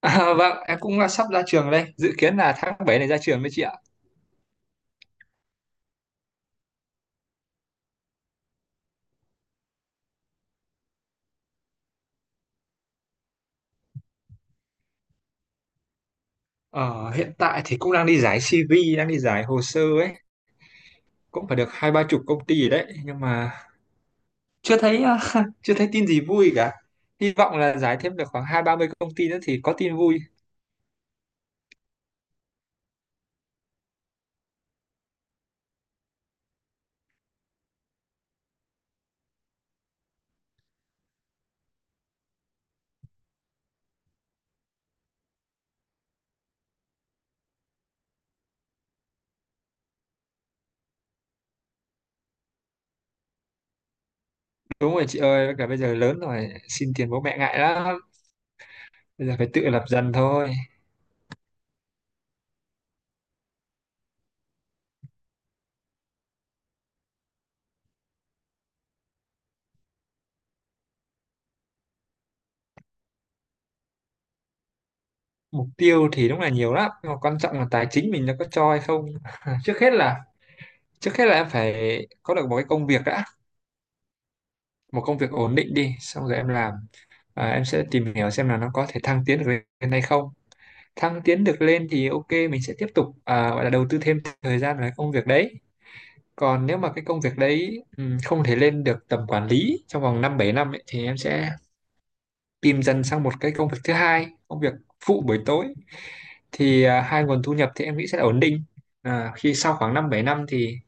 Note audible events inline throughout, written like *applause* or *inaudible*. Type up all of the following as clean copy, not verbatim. Vâng, em cũng sắp ra trường đây, dự kiến là tháng 7 này ra trường đấy chị ạ. Ờ, hiện tại thì cũng đang đi giải CV, đang đi giải hồ sơ ấy, cũng phải được 20-30 công ty rồi đấy, nhưng mà chưa thấy à, *laughs* chưa thấy tin gì vui cả. Hy vọng là giải thêm được khoảng 20-30 công ty nữa thì có tin vui. Đúng rồi chị ơi, với cả bây giờ lớn rồi, xin tiền bố mẹ ngại lắm, bây giờ phải tự lập dần thôi. Mục tiêu thì đúng là nhiều lắm, nhưng mà quan trọng là tài chính mình nó có cho hay không. *laughs* Trước hết là trước hết là em phải có được một cái công việc đã, một công việc ổn định đi xong rồi em làm, em sẽ tìm hiểu xem là nó có thể thăng tiến được lên hay không. Thăng tiến được lên thì ok, mình sẽ tiếp tục, gọi là đầu tư thêm thời gian vào cái công việc đấy. Còn nếu mà cái công việc đấy không thể lên được tầm quản lý trong vòng 5-7 năm ấy, thì em sẽ tìm dần sang một cái công việc thứ hai, công việc phụ buổi tối, thì hai nguồn thu nhập thì em nghĩ sẽ là ổn định khi sau khoảng 5-7 năm thì.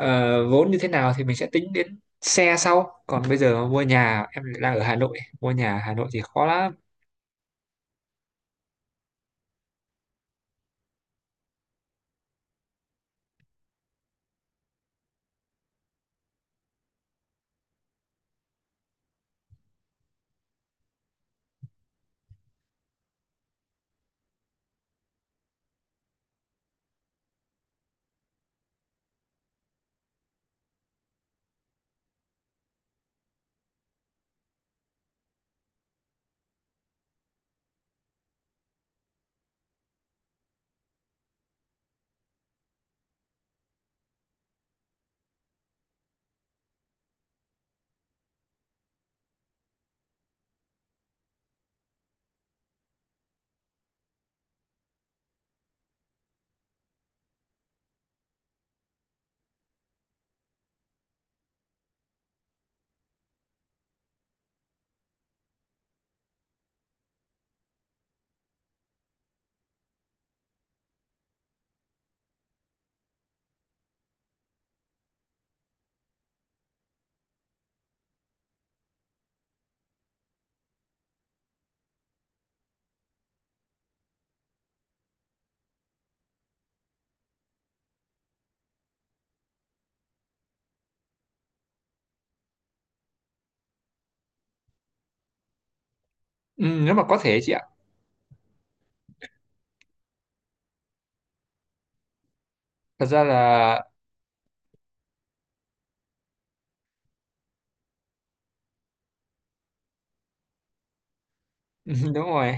Ờ, vốn như thế nào thì mình sẽ tính đến xe sau, còn bây giờ mua nhà, em lại đang ở Hà Nội, mua nhà ở Hà Nội thì khó lắm. Ừ, nếu mà có thể chị ạ. Thật ra là *laughs* đúng rồi,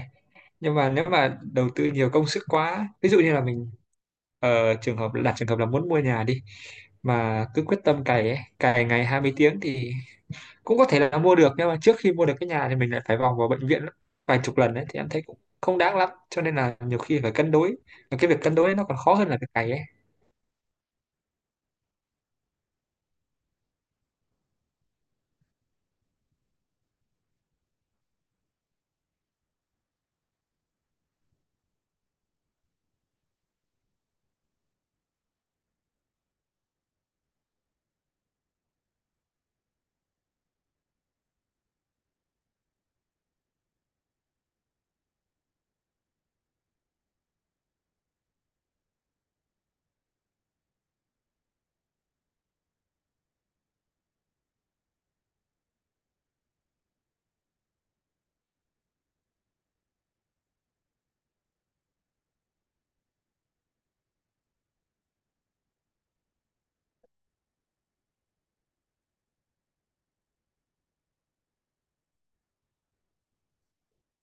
nhưng mà nếu mà đầu tư nhiều công sức quá, ví dụ như là mình trường hợp đặt trường hợp là muốn mua nhà đi, mà cứ quyết tâm cày ấy, cày ngày 20 tiếng thì cũng có thể là mua được, nhưng mà trước khi mua được cái nhà thì mình lại phải vòng vào bệnh viện vài chục lần ấy thì em thấy cũng không đáng lắm, cho nên là nhiều khi phải cân đối, và cái việc cân đối nó còn khó hơn là cái cày ấy.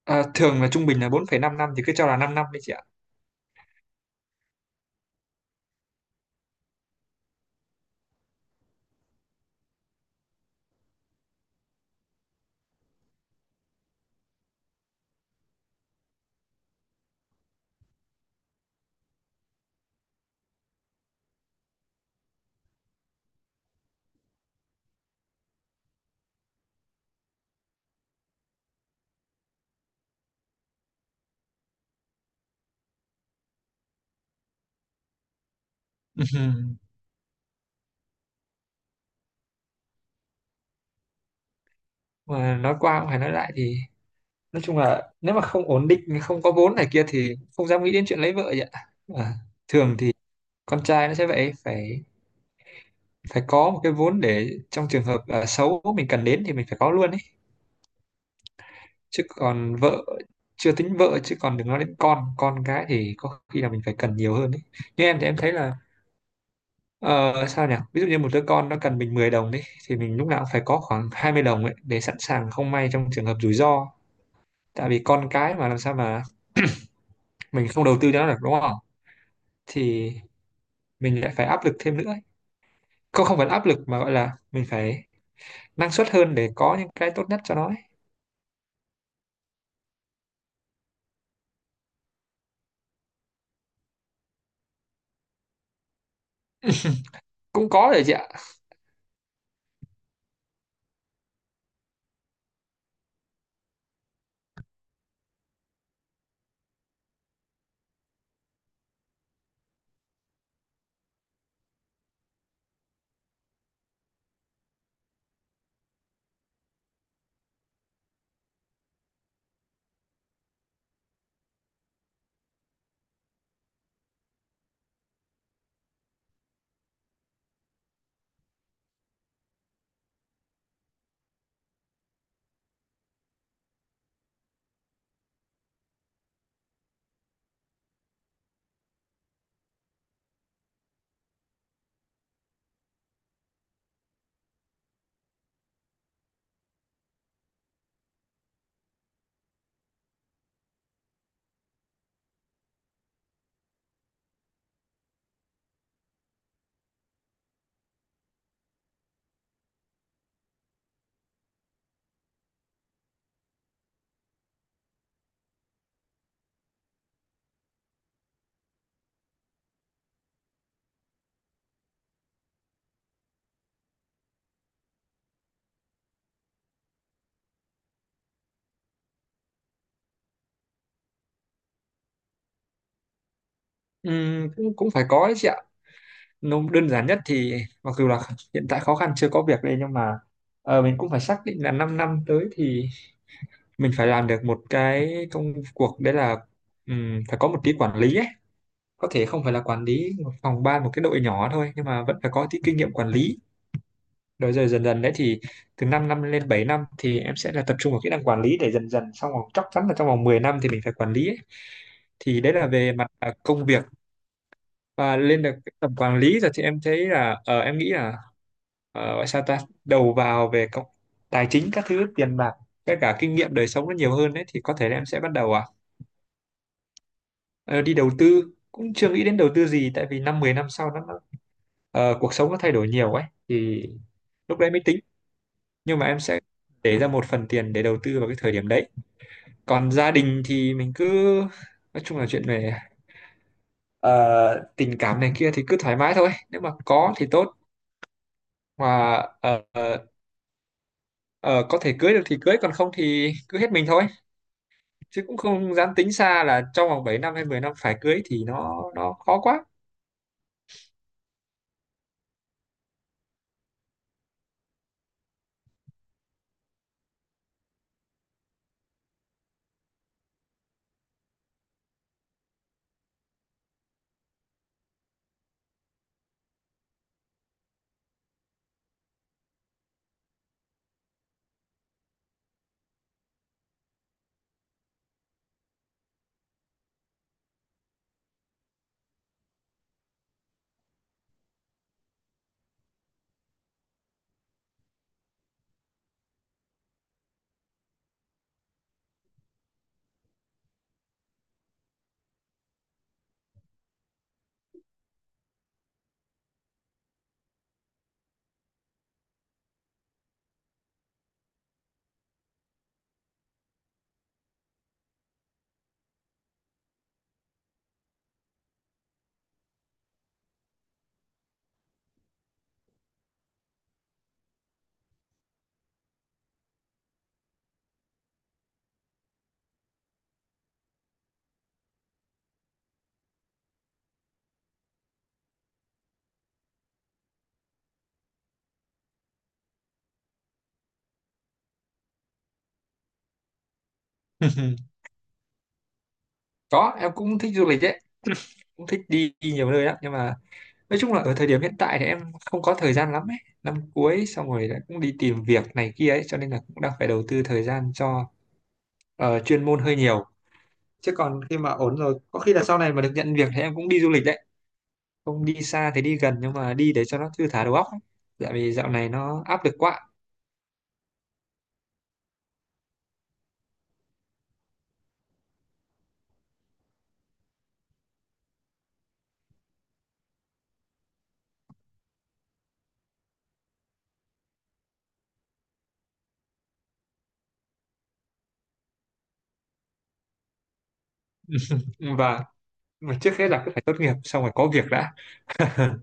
À, thường là trung bình là 4,5 năm, thì cứ cho là 5 năm đi chị ạ. Ừm. Mà nói qua cũng phải nói lại thì nói chung là nếu mà không ổn định, không có vốn này kia thì không dám nghĩ đến chuyện lấy vợ vậy ạ. À, thường thì con trai nó sẽ vậy, phải phải có một cái vốn để trong trường hợp xấu mình cần đến thì mình phải có luôn ấy. Chứ còn vợ, chưa tính vợ, chứ còn đừng nói đến con cái thì có khi là mình phải cần nhiều hơn ấy. Nhưng em thì em thấy là, ờ, sao nhỉ? Ví dụ như một đứa con nó cần mình 10 đồng đi thì mình lúc nào cũng phải có khoảng 20 đồng ấy để sẵn sàng không may trong trường hợp rủi ro. Tại vì con cái mà làm sao mà mình không đầu tư cho nó được, đúng không? Thì mình lại phải áp lực thêm nữa ấy. Không, không phải là áp lực mà gọi là mình phải năng suất hơn để có những cái tốt nhất cho nó ấy. *laughs* Cũng có đấy chị ạ. Cũng cũng phải có đấy chị ạ. Nó đơn giản nhất thì mặc dù là hiện tại khó khăn chưa có việc đây, nhưng mà mình cũng phải xác định là 5 năm năm tới thì mình phải làm được một cái công cuộc đấy là, phải có một tí quản lý ấy, có thể không phải là quản lý một phòng ban, một cái đội nhỏ thôi nhưng mà vẫn phải có tí kinh nghiệm quản lý. Rồi rồi dần dần đấy thì từ 5 năm lên bảy năm thì em sẽ là tập trung vào kỹ năng quản lý để dần dần, xong rồi chắc chắn là trong vòng 10 năm thì mình phải quản lý ấy. Thì đấy là về mặt công việc, và lên được cái tầm quản lý rồi thì em thấy là, ờ, em nghĩ là, ờ, gọi sao ta đầu vào về công, tài chính các thứ tiền bạc, tất cả kinh nghiệm đời sống nó nhiều hơn đấy thì có thể là em sẽ bắt đầu. Ờ, đi đầu tư, cũng chưa nghĩ đến đầu tư gì tại vì 5-10 năm sau nó cuộc sống nó thay đổi nhiều ấy thì lúc đấy mới tính. Nhưng mà em sẽ để ra một phần tiền để đầu tư vào cái thời điểm đấy. Còn gia đình thì mình cứ, nói chung là chuyện về ờ, tình cảm này kia thì cứ thoải mái thôi, nếu mà có thì tốt, mà ờ, ờ, ờ, có thể cưới được thì cưới, còn không thì cứ hết mình thôi, chứ cũng không dám tính xa là trong vòng 7 năm hay 10 năm phải cưới thì nó khó quá. *laughs* Có em cũng thích du lịch đấy, cũng thích đi, đi nhiều nơi lắm, nhưng mà nói chung là ở thời điểm hiện tại thì em không có thời gian lắm ấy, năm cuối xong rồi lại cũng đi tìm việc này kia ấy cho nên là cũng đang phải đầu tư thời gian cho chuyên môn hơi nhiều. Chứ còn khi mà ổn rồi, có khi là sau này mà được nhận việc thì em cũng đi du lịch đấy, không đi xa thì đi gần, nhưng mà đi để cho nó thư thả đầu óc ấy. Tại vì dạo này nó áp lực quá. Và mà trước hết là cứ phải tốt nghiệp xong rồi có việc đã. *laughs*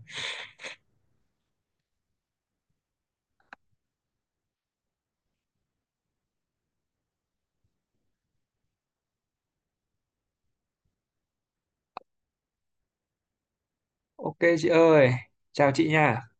Ok chị ơi, chào chị nha.